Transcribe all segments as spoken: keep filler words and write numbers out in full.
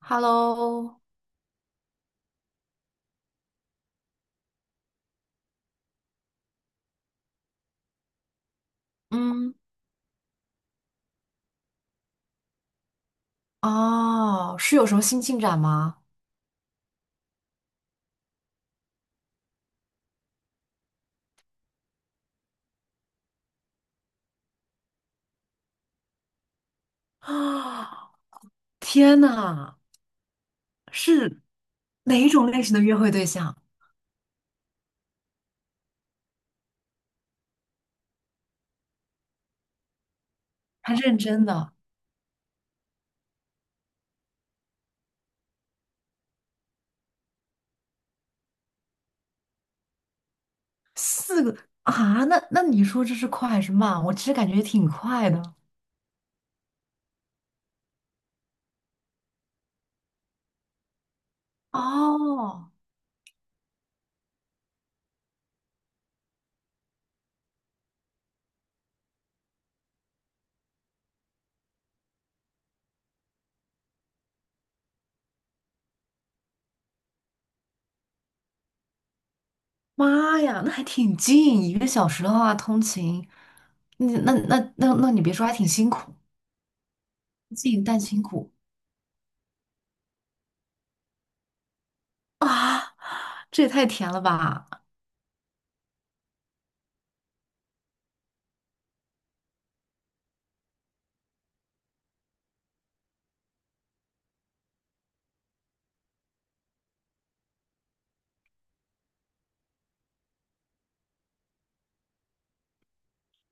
Hello，嗯，哦，是有什么新进展吗？啊，天呐，是哪一种类型的约会对象？他认真的，四个啊？那那你说这是快还是慢？我其实感觉挺快的。哦，妈呀，那还挺近，一个小时的话通勤，你那那那那你别说，还挺辛苦，近但辛苦啊，这也太甜了吧！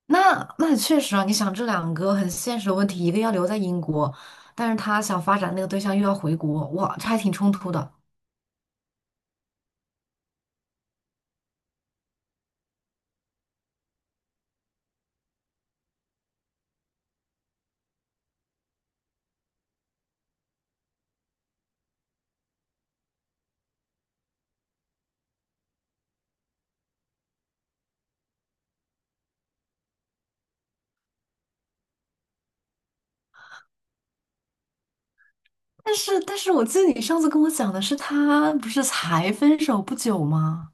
那那确实啊，你想这两个很现实的问题，一个要留在英国，但是他想发展那个对象又要回国，哇，这还挺冲突的。但是但是我记得你上次跟我讲的是他不是才分手不久吗？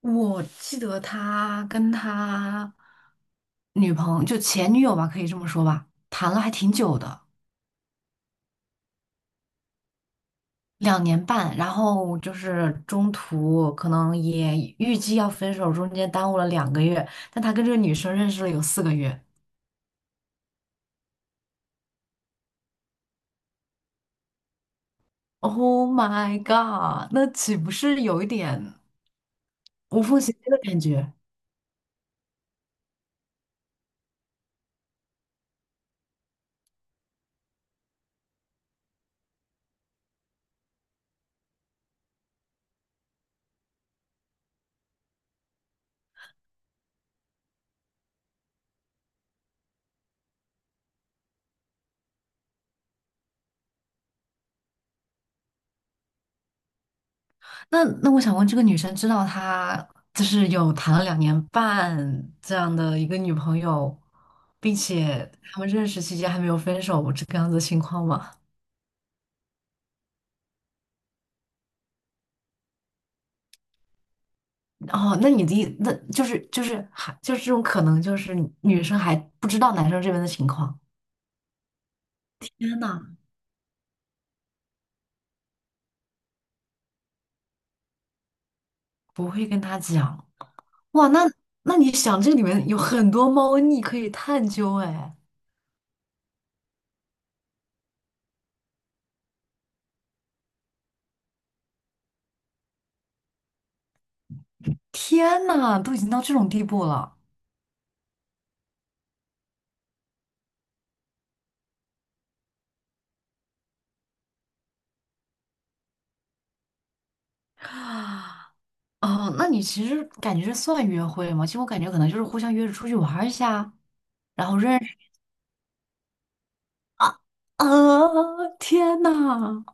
我记得他跟他女朋友就前女友吧，可以这么说吧，谈了还挺久的，两年半，然后就是中途可能也预计要分手，中间耽误了两个月，但他跟这个女生认识了有四个月。Oh my god，那岂不是有一点无缝衔接的感觉？那那我想问，这个女生知道她就是有谈了两年半这样的一个女朋友，并且他们认识期间还没有分手这个样子的情况吗？哦，那你的意那就是就是还就是这种可能，就是女生还不知道男生这边的情况。天呐，不会跟他讲哇？那那你想，这里面有很多猫腻可以探究哎。天呐，都已经到这种地步了。哦，那你其实感觉这算约会吗？其实我感觉可能就是互相约着出去玩儿一下，然后认识啊啊！天呐，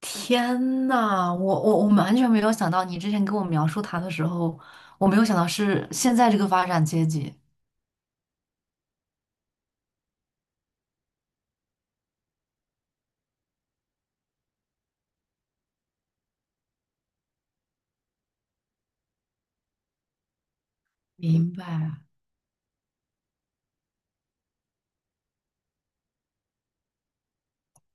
天呐，我我我们完全没有想到，你之前跟我描述他的时候，我没有想到是现在这个发展阶级。明白。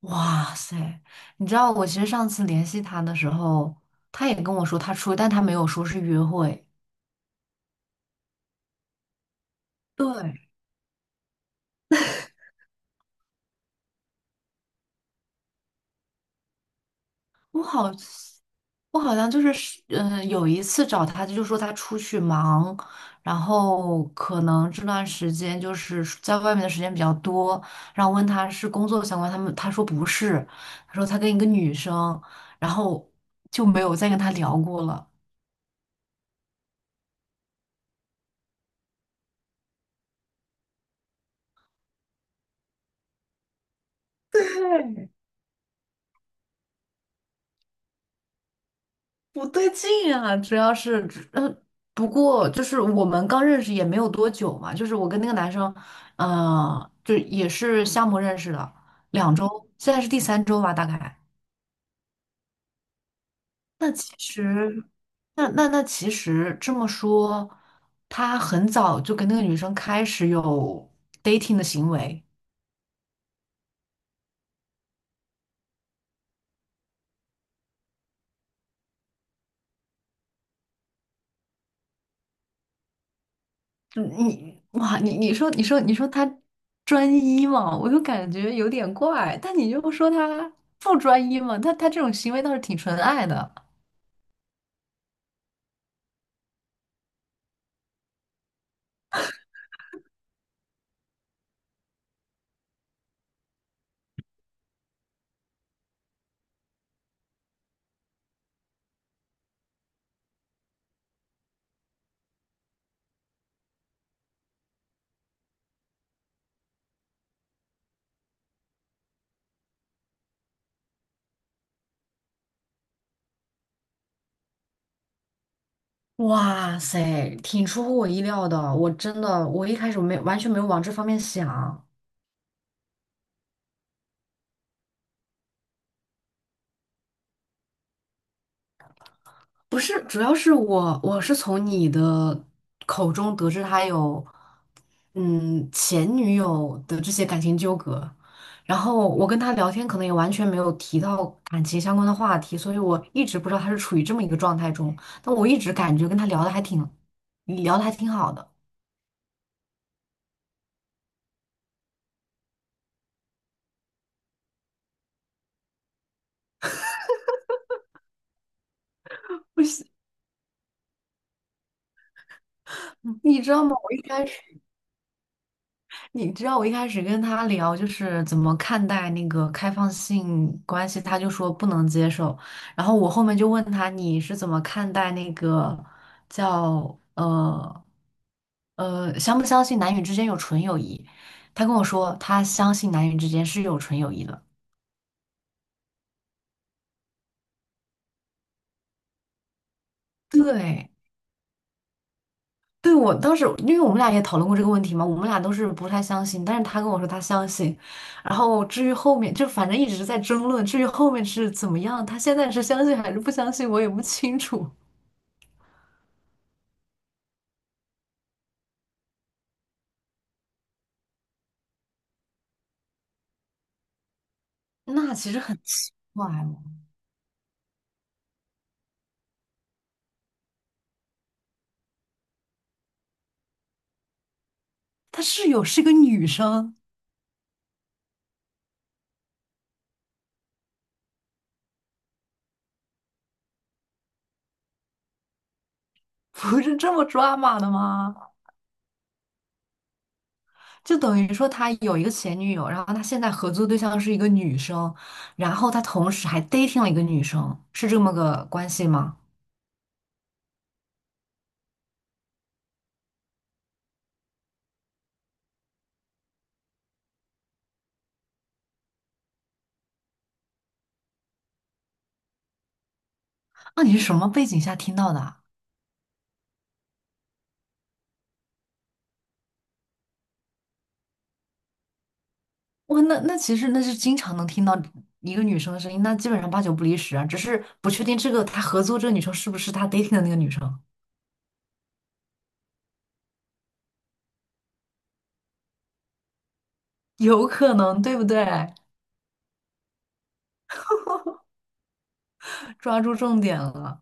哇塞，你知道我其实上次联系他的时候，他也跟我说他出，但他没有说是约会。对，我好，我好像就是，嗯、有一次找他，他就说他出去忙，然后可能这段时间就是在外面的时间比较多，然后问他是工作相关，他们他说不是，他说他跟一个女生，然后就没有再跟他聊过了。对，不对劲啊，主要是，嗯，不过就是我们刚认识也没有多久嘛，就是我跟那个男生，嗯、就也是项目认识的，两周，现在是第三周吧，大概。那其实，那那那其实这么说，他很早就跟那个女生开始有 dating 的行为。嗯你哇，你你说你说你说他专一嘛，我就感觉有点怪，但你又说他不专一嘛，他他这种行为倒是挺纯爱的。哇塞，挺出乎我意料的。我真的，我一开始没完全没有往这方面想。不是，主要是我我是从你的口中得知他有嗯前女友的这些感情纠葛，然后我跟他聊天可能也完全没有提到感情相关的话题，所以我一直不知道他是处于这么一个状态中，但我一直感觉跟他聊的还挺聊的还挺好的。不是，你知道吗？我一开始。你知道我一开始跟他聊就是怎么看待那个开放性关系，他就说不能接受。然后我后面就问他你是怎么看待那个叫呃呃相不相信男女之间有纯友谊？他跟我说他相信男女之间是有纯友谊的。对，对，我当时，因为我们俩也讨论过这个问题嘛，我们俩都是不太相信，但是他跟我说他相信，然后至于后面就反正一直在争论，至于后面是怎么样，他现在是相信还是不相信，我也不清楚。那其实很奇怪哦，他室友是个女生，不是这么抓马的吗？就等于说他有一个前女友，然后他现在合作对象是一个女生，然后他同时还 dating 了一个女生，是这么个关系吗？那你是什么背景下听到的啊哇，那那其实那是经常能听到一个女生的声音，那基本上八九不离十啊，只是不确定这个他合作这个女生是不是他 dating 的那个女生，有可能，对不对？抓住重点了。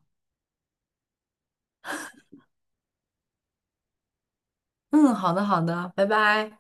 嗯，好的好的，拜拜。